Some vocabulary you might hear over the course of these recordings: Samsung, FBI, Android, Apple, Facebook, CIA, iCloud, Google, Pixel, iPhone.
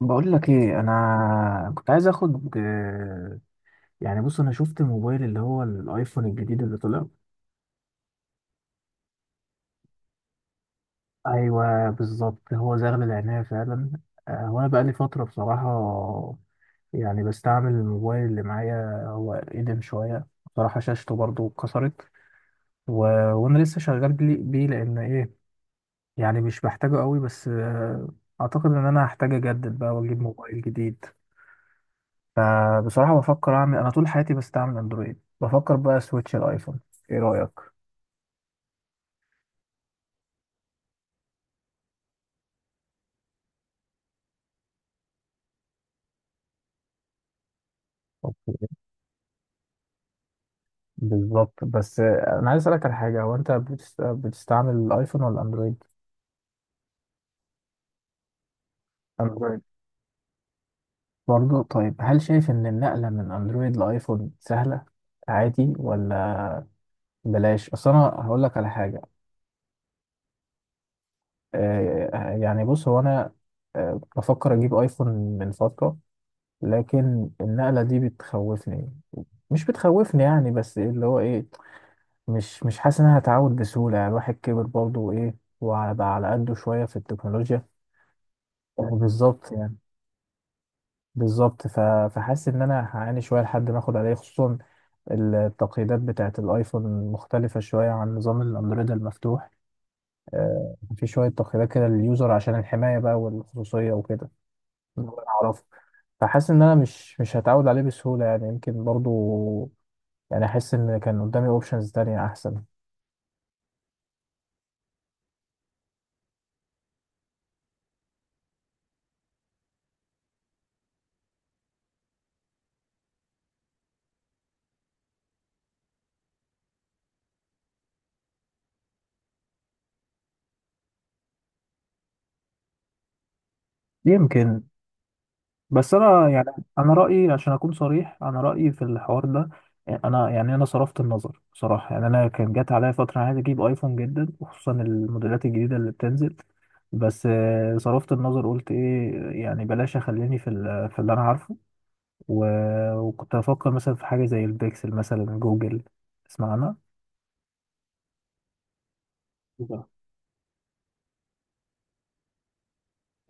بقول لك ايه، انا كنت عايز اخد يعني بص، انا شفت الموبايل اللي هو الايفون الجديد اللي طلع. ايوه بالظبط، هو زغل العناية فعلا. وانا بقالي فترة بصراحة، يعني بستعمل الموبايل اللي معايا، هو قديم شوية بصراحة، شاشته برضو اتكسرت و... وانا لسه شغال بيه، لان ايه؟ يعني مش بحتاجه قوي، بس اعتقد ان انا هحتاج اجدد بقى واجيب موبايل جديد. فبصراحة بفكر أعمل، أنا طول حياتي بستعمل أندرويد، بفكر بقى سويتش الأيفون. إيه رأيك؟ اوكي. بالظبط، بس أنا عايز أسألك على حاجة، هو أنت بتستعمل الأيفون ولا أندرويد؟ أندرويد. برضه طيب، هل شايف إن النقلة من أندرويد لأيفون سهلة عادي، ولا بلاش؟ أصل أنا هقول لك على حاجة. يعني بص، هو أنا بفكر أجيب أيفون من فترة، لكن النقلة دي بتخوفني. مش بتخوفني يعني، بس اللي هو إيه، مش حاسس إن أنا هتعود بسهولة، يعني الواحد كبر برضه وإيه، وعلى بقى على قده شوية في التكنولوجيا. بالظبط يعني. بالظبط فحاسس إن أنا هعاني شوية لحد ما آخد عليه، خصوصا التقييدات بتاعة الأيفون مختلفة شوية عن نظام الأندرويد المفتوح. في شوية تقييدات كده لليوزر عشان الحماية بقى والخصوصية وكده، إن هو يعرفه. فحاسس إن أنا مش هتعود عليه بسهولة، يعني يمكن برضه، يعني أحس إن كان قدامي أوبشنز تانية أحسن. يمكن. بس انا يعني، انا رايي عشان اكون صريح، انا رايي في الحوار ده، يعني انا، يعني انا صرفت النظر بصراحه، يعني انا كان جات عليا فتره أنا عايز اجيب ايفون جدا، وخصوصا الموديلات الجديده اللي بتنزل. بس صرفت النظر، قلت ايه، يعني بلاش اخليني في اللي انا عارفه. وكنت افكر مثلا في حاجه زي البيكسل، مثلا جوجل، تسمع عنها؟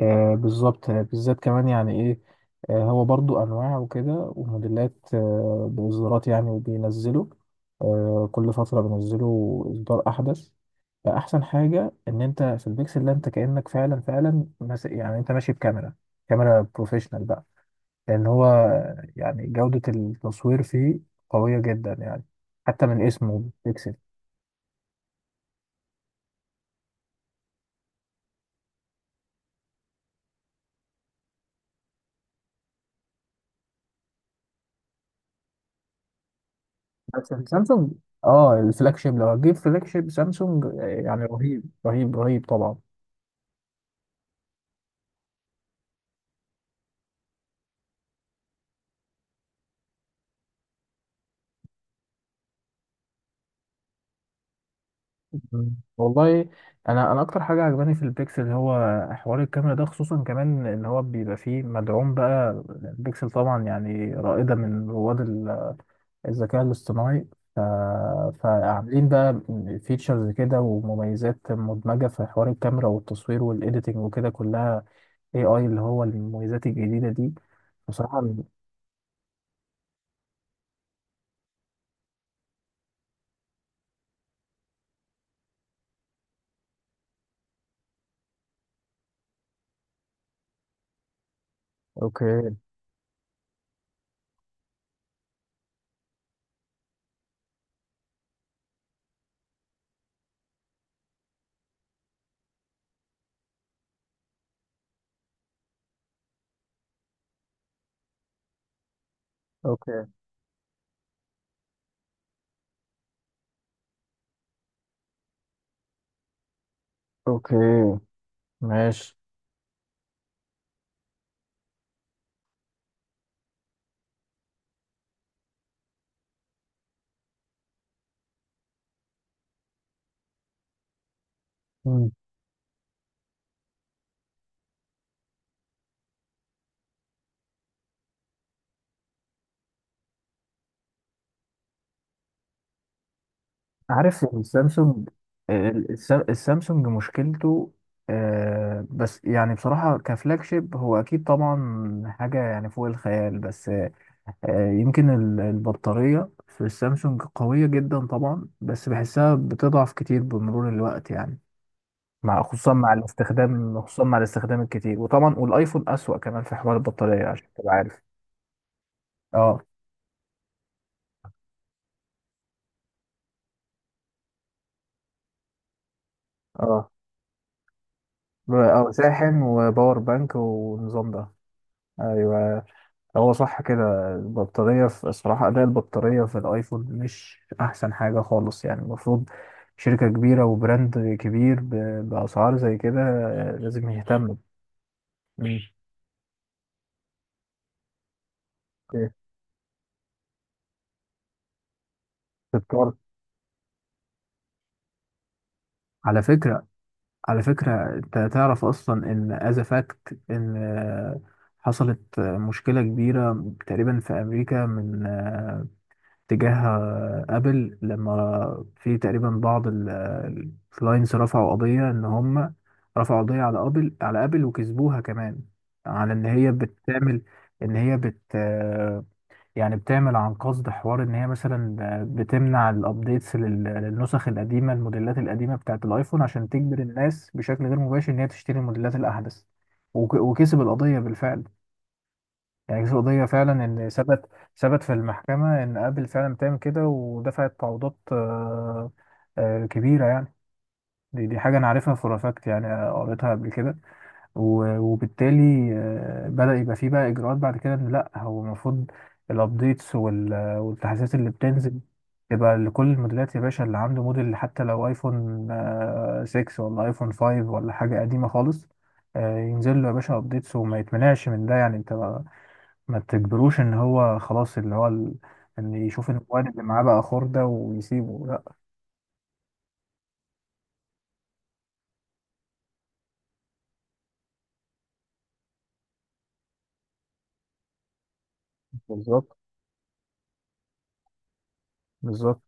آه بالظبط، بالذات كمان يعني ايه، آه هو برضو انواع وكده وموديلات، آه باصدارات يعني وبينزلوا، آه كل فتره بينزلوا اصدار احدث. فاحسن حاجه ان انت في البيكسل ده، انت كانك فعلا فعلا يعني انت ماشي بكاميرا، كاميرا بروفيشنال بقى، لان هو يعني جوده التصوير فيه قويه جدا يعني، حتى من اسمه بيكسل. بس سامسونج، اه الفلاج شيب، لو هتجيب فلاج شيب سامسونج يعني رهيب رهيب رهيب طبعا. مم. والله انا اكتر حاجه عجباني في البيكسل هو حوار الكاميرا ده، خصوصا كمان ان هو بيبقى فيه مدعوم بقى. البيكسل طبعا يعني رائده من رواد الذكاء الاصطناعي. ف... فعاملين بقى فيتشرز كده ومميزات مدمجه في حوار الكاميرا والتصوير والايديتنج وكده كلها، اي اي اللي هو المميزات الجديده دي. بصراحه. اوكي اوكي اوكي، ماشي. عارف السامسونج، السامسونج مشكلته بس يعني بصراحة كفلاج شيب هو أكيد طبعا حاجة يعني فوق الخيال، بس يمكن البطارية في السامسونج قوية جدا طبعا، بس بحسها بتضعف كتير بمرور الوقت يعني، خصوصا مع الاستخدام، خصوصا مع الاستخدام الكتير، وطبعا والآيفون أسوأ كمان في حوار البطارية عشان تبقى عارف. اه اه اه، شاحن وباور بانك والنظام ده. ايوه، هو صح كده، البطارية في الصراحة، أداء البطارية في الأيفون مش أحسن حاجة خالص يعني. المفروض شركة كبيرة وبراند كبير بأسعار زي كده، لازم يهتم. مم. تتطور. على فكرة، على فكرة أنت تعرف أصلا إن از فاكت، إن حصلت مشكلة كبيرة تقريبا في أمريكا، من تجاه ابل، لما في تقريبا بعض الكلاينتس رفعوا قضية ان هم رفعوا قضية على ابل، وكسبوها كمان، على ان هي بتعمل، ان هي بت آه، يعني بتعمل عن قصد حوار، ان هي مثلا بتمنع الابديتس للنسخ القديمة، الموديلات القديمة بتاعت الايفون، عشان تجبر الناس بشكل غير مباشر ان هي تشتري الموديلات الاحدث. وكسب القضية بالفعل، يعني في قضية فعلا إن ثبت في المحكمة إن آبل فعلا بتعمل كده، ودفعت تعويضات كبيرة يعني. دي حاجة أنا عارفها فور فاكت يعني، قريتها قبل كده. وبالتالي بدأ يبقى فيه بقى إجراءات بعد كده، إن لأ، هو المفروض الأبديتس والتحديثات اللي بتنزل تبقى لكل الموديلات يا باشا، اللي عنده موديل حتى لو ايفون 6 ولا ايفون 5 ولا حاجة قديمة خالص، ينزل له يا باشا ابديتس، وما يتمنعش من ده. يعني انت ما تجبروش ان هو خلاص اللي هو ان يشوف إن المواد اللي معاه بقى خردة ويسيبه، لا. بالظبط. بالظبط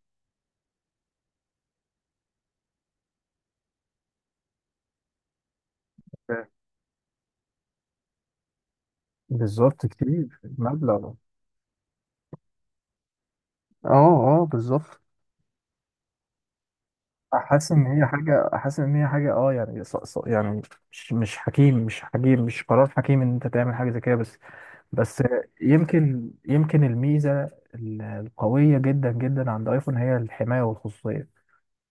ف- بالظبط، كتير مبلغ. اه اه. بالظبط، حاسس ان هي حاجة اه يعني يعني مش قرار حكيم ان انت تعمل حاجة زي كده، بس. يمكن الميزة القوية جدا جدا عند ايفون هي الحماية والخصوصية،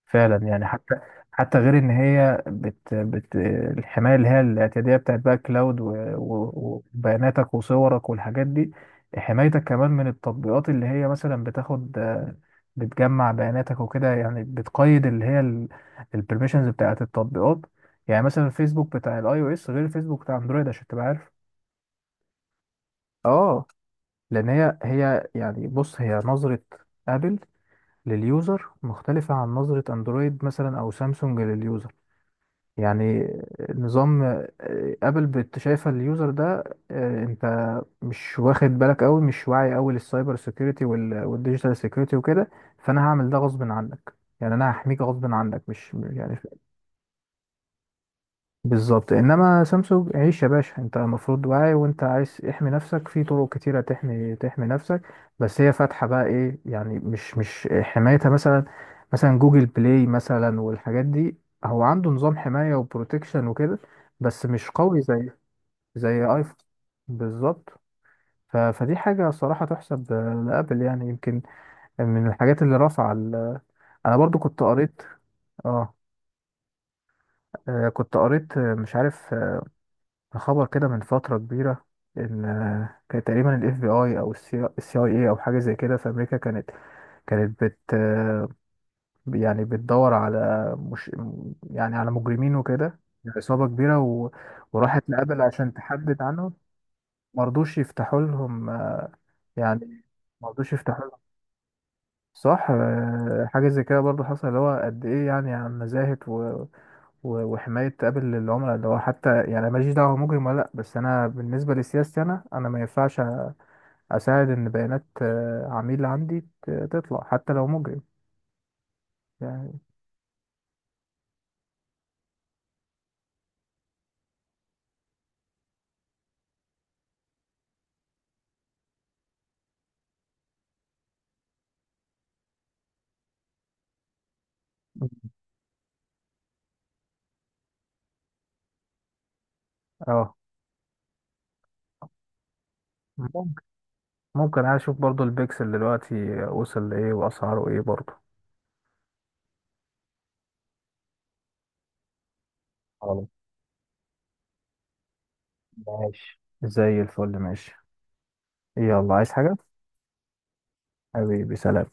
فعلا يعني. حتى غير ان هي بت الحمايه اللي هي الاعتياديه بتاعت بقى كلاود، وبياناتك وصورك والحاجات دي، حمايتك كمان من التطبيقات اللي هي مثلا بتاخد، بتجمع بياناتك وكده، يعني بتقيد اللي هي البرميشنز بتاعت التطبيقات. يعني مثلا الفيسبوك بتاع الاي او اس غير الفيسبوك بتاع اندرويد عشان تبقى عارف. اه، لان هي يعني، بص هي نظره ابل لليوزر مختلفة عن نظرة اندرويد مثلا او سامسونج لليوزر. يعني نظام ابل شايفه اليوزر ده، انت مش واخد بالك قوي، مش واعي قوي للسايبر سيكيورتي والديجيتال سيكيورتي وكده. فانا هعمل ده غصب عنك، يعني انا هحميك غصب عنك، مش يعني. بالظبط، انما سامسونج عيش يا باشا، انت المفروض واعي، وانت عايز احمي نفسك في طرق كتيره، تحمي نفسك. بس هي فاتحه بقى ايه يعني، مش حمايتها، مثلا جوجل بلاي مثلا والحاجات دي، هو عنده نظام حمايه وبروتكشن وكده بس مش قوي زي ايفون. بالظبط. فدي حاجه صراحه تحسب لابل، يعني يمكن من الحاجات اللي رفع انا برضو كنت قريت. اه. كنت قريت مش عارف، خبر كده من فترة كبيرة، إن كان تقريبا ال FBI أو ال CIA أو حاجة زي كده في أمريكا، كانت بت آه، يعني بتدور على، مش يعني، على مجرمين وكده، عصابة كبيرة، وراحت لأبل عشان تحدد عنهم. مرضوش يفتحوا لهم، يعني مرضوش يفتحوا لهم. صح، حاجة زي كده برضو، حصل اللي هو قد إيه يعني عن نزاهة وحماية قبل العملاء، اللي هو حتى يعني ماليش دعوة مجرم ولا لأ، بس أنا بالنسبة لسياستي، أنا ما ينفعش اساعد ان بيانات عميل عندي تطلع حتى لو مجرم يعني. اه. ممكن ممكن أنا اشوف برضو البيكسل دلوقتي وصل لايه، واسعاره ايه برضو. خلاص. ماشي زي الفل، ماشي. يلا، عايز حاجة؟ حبيبي، سلام.